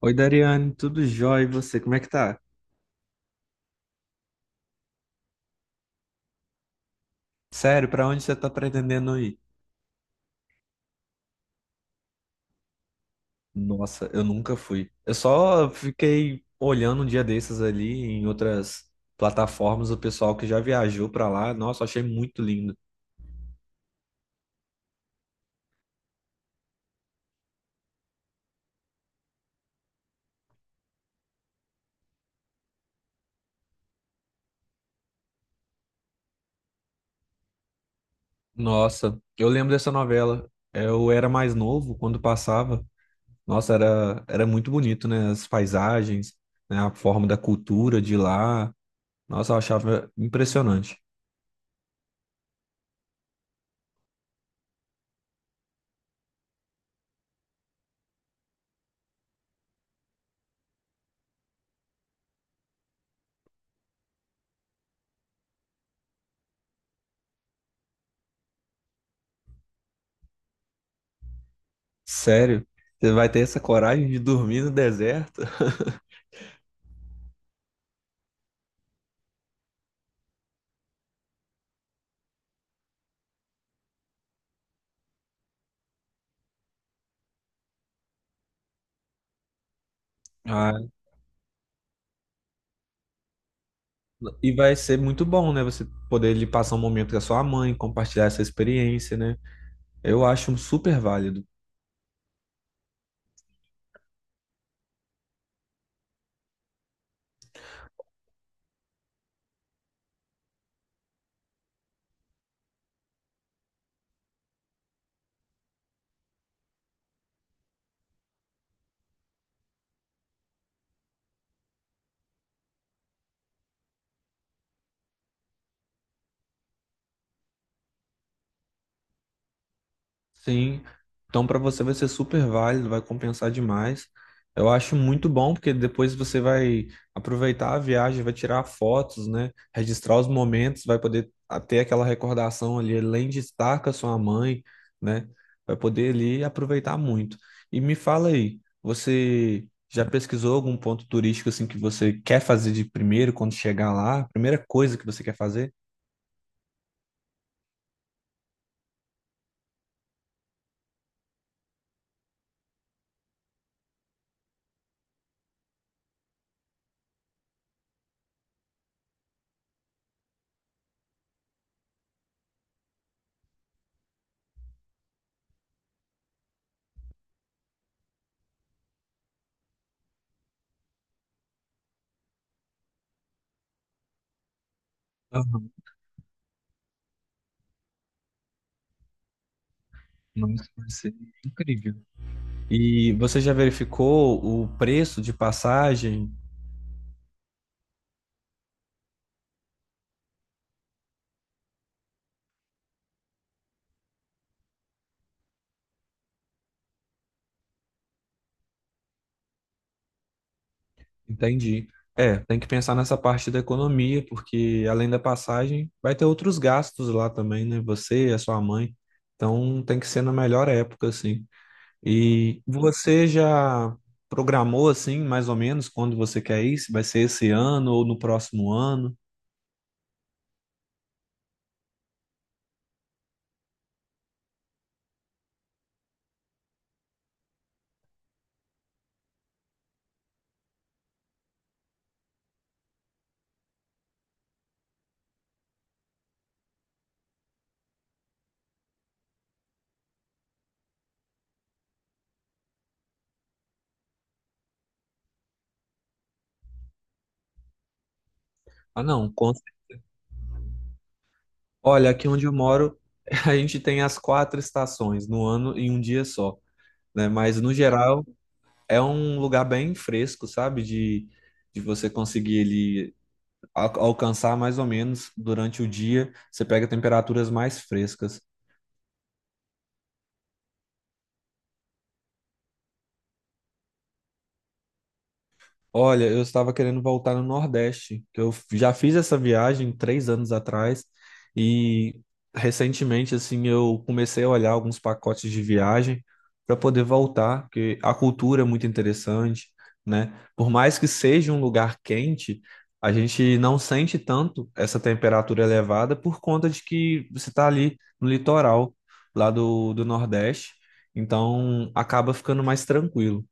Oi, Dariane, tudo jóia? E você, como é que tá? Sério, pra onde você tá pretendendo ir? Nossa, eu nunca fui. Eu só fiquei olhando um dia desses ali em outras plataformas, o pessoal que já viajou pra lá. Nossa, achei muito lindo. Nossa, eu lembro dessa novela. Eu era mais novo quando passava. Nossa, era muito bonito, né? As paisagens, né? A forma da cultura de lá. Nossa, eu achava impressionante. Sério, você vai ter essa coragem de dormir no deserto? Ah, e vai ser muito bom, né? Você poder lhe passar um momento com a sua mãe, compartilhar essa experiência, né? Eu acho super válido. Sim, então para você vai ser super válido, vai compensar demais. Eu acho muito bom, porque depois você vai aproveitar a viagem, vai tirar fotos, né? Registrar os momentos, vai poder ter aquela recordação ali, além de estar com a sua mãe, né? Vai poder ali aproveitar muito. E me fala aí, você já pesquisou algum ponto turístico assim que você quer fazer de primeiro quando chegar lá? Primeira coisa que você quer fazer? Aham. Nossa, vai ser incrível. E você já verificou o preço de passagem? Entendi. É, tem que pensar nessa parte da economia, porque além da passagem, vai ter outros gastos lá também, né? Você, e a sua mãe. Então tem que ser na melhor época, assim. E você já programou, assim, mais ou menos, quando você quer ir? Se vai ser esse ano ou no próximo ano? Ah, não. Olha, aqui onde eu moro, a gente tem as quatro estações no ano em um dia só, né? Mas no geral, é um lugar bem fresco, sabe? De você conseguir ele alcançar mais ou menos durante o dia, você pega temperaturas mais frescas. Olha, eu estava querendo voltar no Nordeste, que eu já fiz essa viagem 3 anos atrás e recentemente, assim, eu comecei a olhar alguns pacotes de viagem para poder voltar, porque a cultura é muito interessante, né? Por mais que seja um lugar quente, a gente não sente tanto essa temperatura elevada por conta de que você está ali no litoral lá do Nordeste, então acaba ficando mais tranquilo.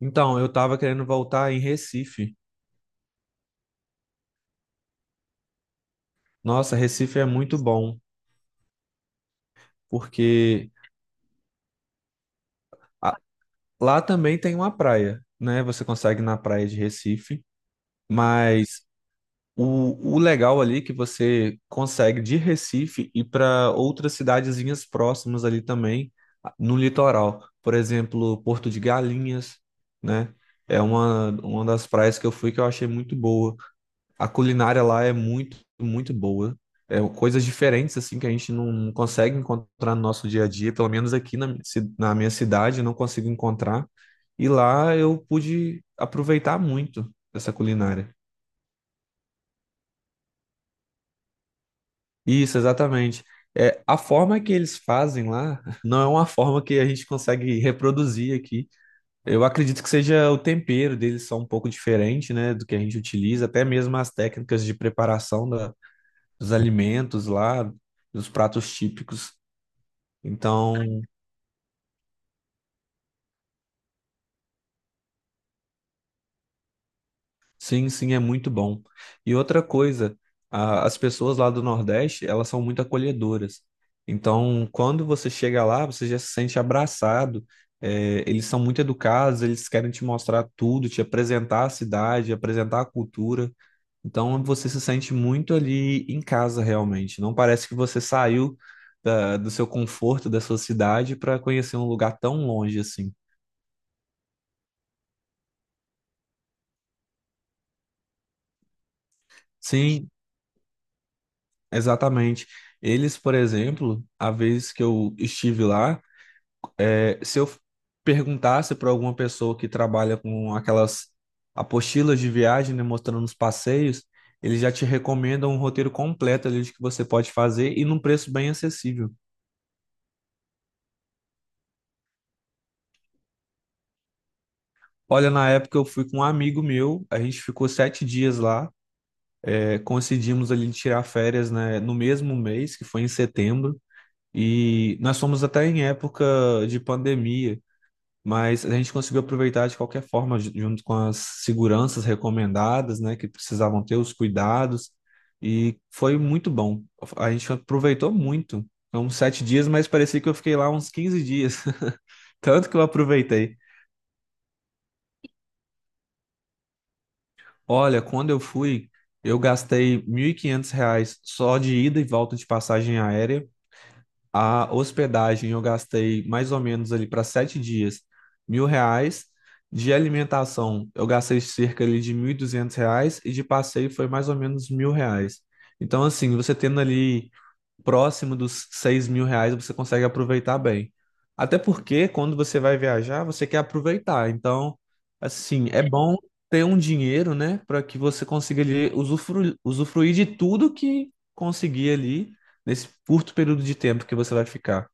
Então, eu tava querendo voltar em Recife. Nossa, Recife é muito bom, porque a- lá também tem uma praia, né? Você consegue ir na praia de Recife, mas o legal ali é que você consegue de Recife ir para outras cidadezinhas próximas ali também, no litoral. Por exemplo, Porto de Galinhas, né? É uma das praias que eu fui que eu achei muito boa. A culinária lá é muito, muito boa. É coisas diferentes assim que a gente não consegue encontrar no nosso dia a dia, pelo menos aqui na, na minha cidade eu não consigo encontrar. E lá eu pude aproveitar muito essa culinária. Isso, exatamente. É, a forma que eles fazem lá não é uma forma que a gente consegue reproduzir aqui. Eu acredito que seja o tempero deles são um pouco diferente, né, do que a gente utiliza, até mesmo as técnicas de preparação da, dos alimentos lá, dos pratos típicos. Então, sim, sim, é muito bom. E outra coisa, as pessoas lá do Nordeste, elas são muito acolhedoras. Então, quando você chega lá, você já se sente abraçado. É, eles são muito educados, eles querem te mostrar tudo, te apresentar a cidade, apresentar a cultura. Então, você se sente muito ali em casa, realmente. Não parece que você saiu do seu conforto, da sua cidade, para conhecer um lugar tão longe assim. Sim, exatamente. Eles, por exemplo, a vez que eu estive lá, é, se eu perguntasse para alguma pessoa que trabalha com aquelas apostilas de viagem, né, mostrando os passeios, eles já te recomendam um roteiro completo ali de que você pode fazer e num preço bem acessível. Olha, na época eu fui com um amigo meu, a gente ficou 7 dias lá, é, conseguimos ali tirar férias, né, no mesmo mês, que foi em setembro, e nós fomos até em época de pandemia. Mas a gente conseguiu aproveitar de qualquer forma, junto com as seguranças recomendadas, né, que precisavam ter os cuidados, e foi muito bom. A gente aproveitou muito. São sete dias, mas parecia que eu fiquei lá uns 15 dias, tanto que eu aproveitei. Olha, quando eu fui, eu gastei R$ 1.500 só de ida e volta de passagem aérea. A hospedagem eu gastei mais ou menos ali para 7 dias, R$ 1.000. De alimentação eu gastei cerca ali de R$ 1.200 e de passeio foi mais ou menos R$ 1.000. Então, assim, você tendo ali próximo dos R$ 6.000 você consegue aproveitar bem. Até porque quando você vai viajar, você quer aproveitar. Então, assim, é bom ter um dinheiro, né, para que você consiga ali usufruir de tudo que conseguir ali nesse curto período de tempo que você vai ficar.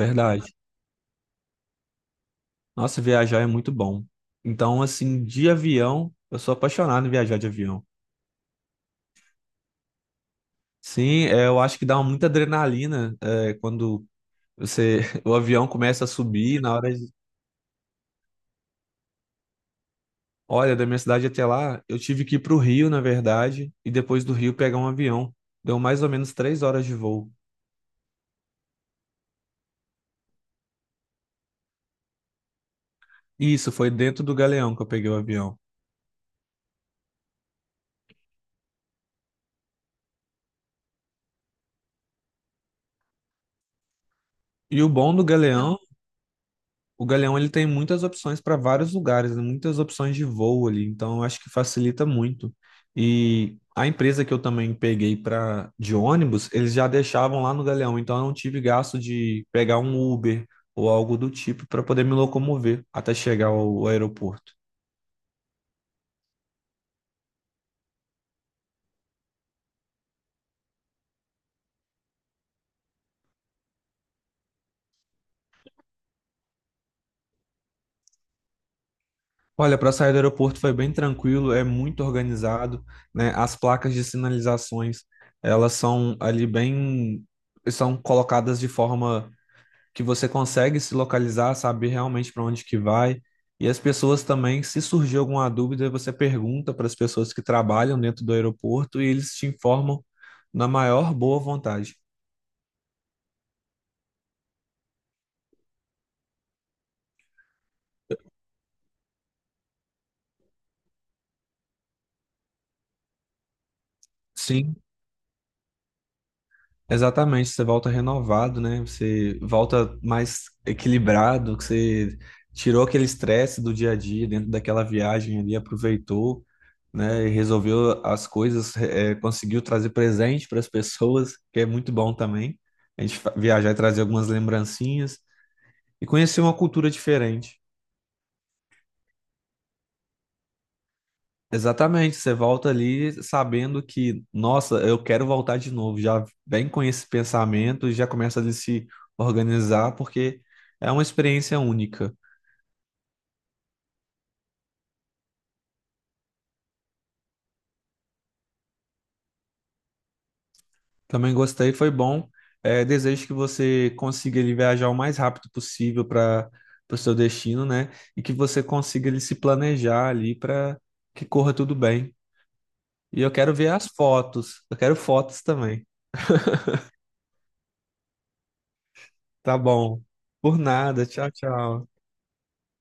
Verdade. Nossa, viajar é muito bom. Então, assim, de avião, eu sou apaixonado em viajar de avião. Sim, é, eu acho que dá muita adrenalina, é, quando você, o avião começa a subir na hora. Olha, da minha cidade até lá, eu tive que ir para o Rio, na verdade, e depois do Rio pegar um avião. Deu mais ou menos 3 horas de voo. E isso foi dentro do Galeão que eu peguei o avião. E o bom do Galeão, o Galeão ele tem muitas opções para vários lugares, né? Muitas opções de voo ali, então eu acho que facilita muito. E a empresa que eu também peguei para de ônibus, eles já deixavam lá no Galeão, então eu não tive gasto de pegar um Uber ou algo do tipo para poder me locomover até chegar ao aeroporto. Olha, para sair do aeroporto foi bem tranquilo, é muito organizado, né? As placas de sinalizações, elas são ali bem, são colocadas de forma que você consegue se localizar, saber realmente para onde que vai. E as pessoas também, se surgir alguma dúvida, você pergunta para as pessoas que trabalham dentro do aeroporto e eles te informam na maior boa vontade. Sim. Exatamente, você volta renovado, né? Você volta mais equilibrado, que você tirou aquele estresse do dia a dia dentro daquela viagem ali, aproveitou, né? E resolveu as coisas, conseguiu trazer presente para as pessoas, que é muito bom também. A gente viajar e trazer algumas lembrancinhas e conhecer uma cultura diferente. Exatamente, você volta ali sabendo que, nossa, eu quero voltar de novo. Já vem com esse pensamento e já começa a se organizar, porque é uma experiência única. Também gostei, foi bom. É, desejo que você consiga ele viajar o mais rápido possível para o seu destino, né? E que você consiga ele se planejar ali para que corra tudo bem. E eu quero ver as fotos, eu quero fotos também. Tá bom. Por nada, tchau, tchau.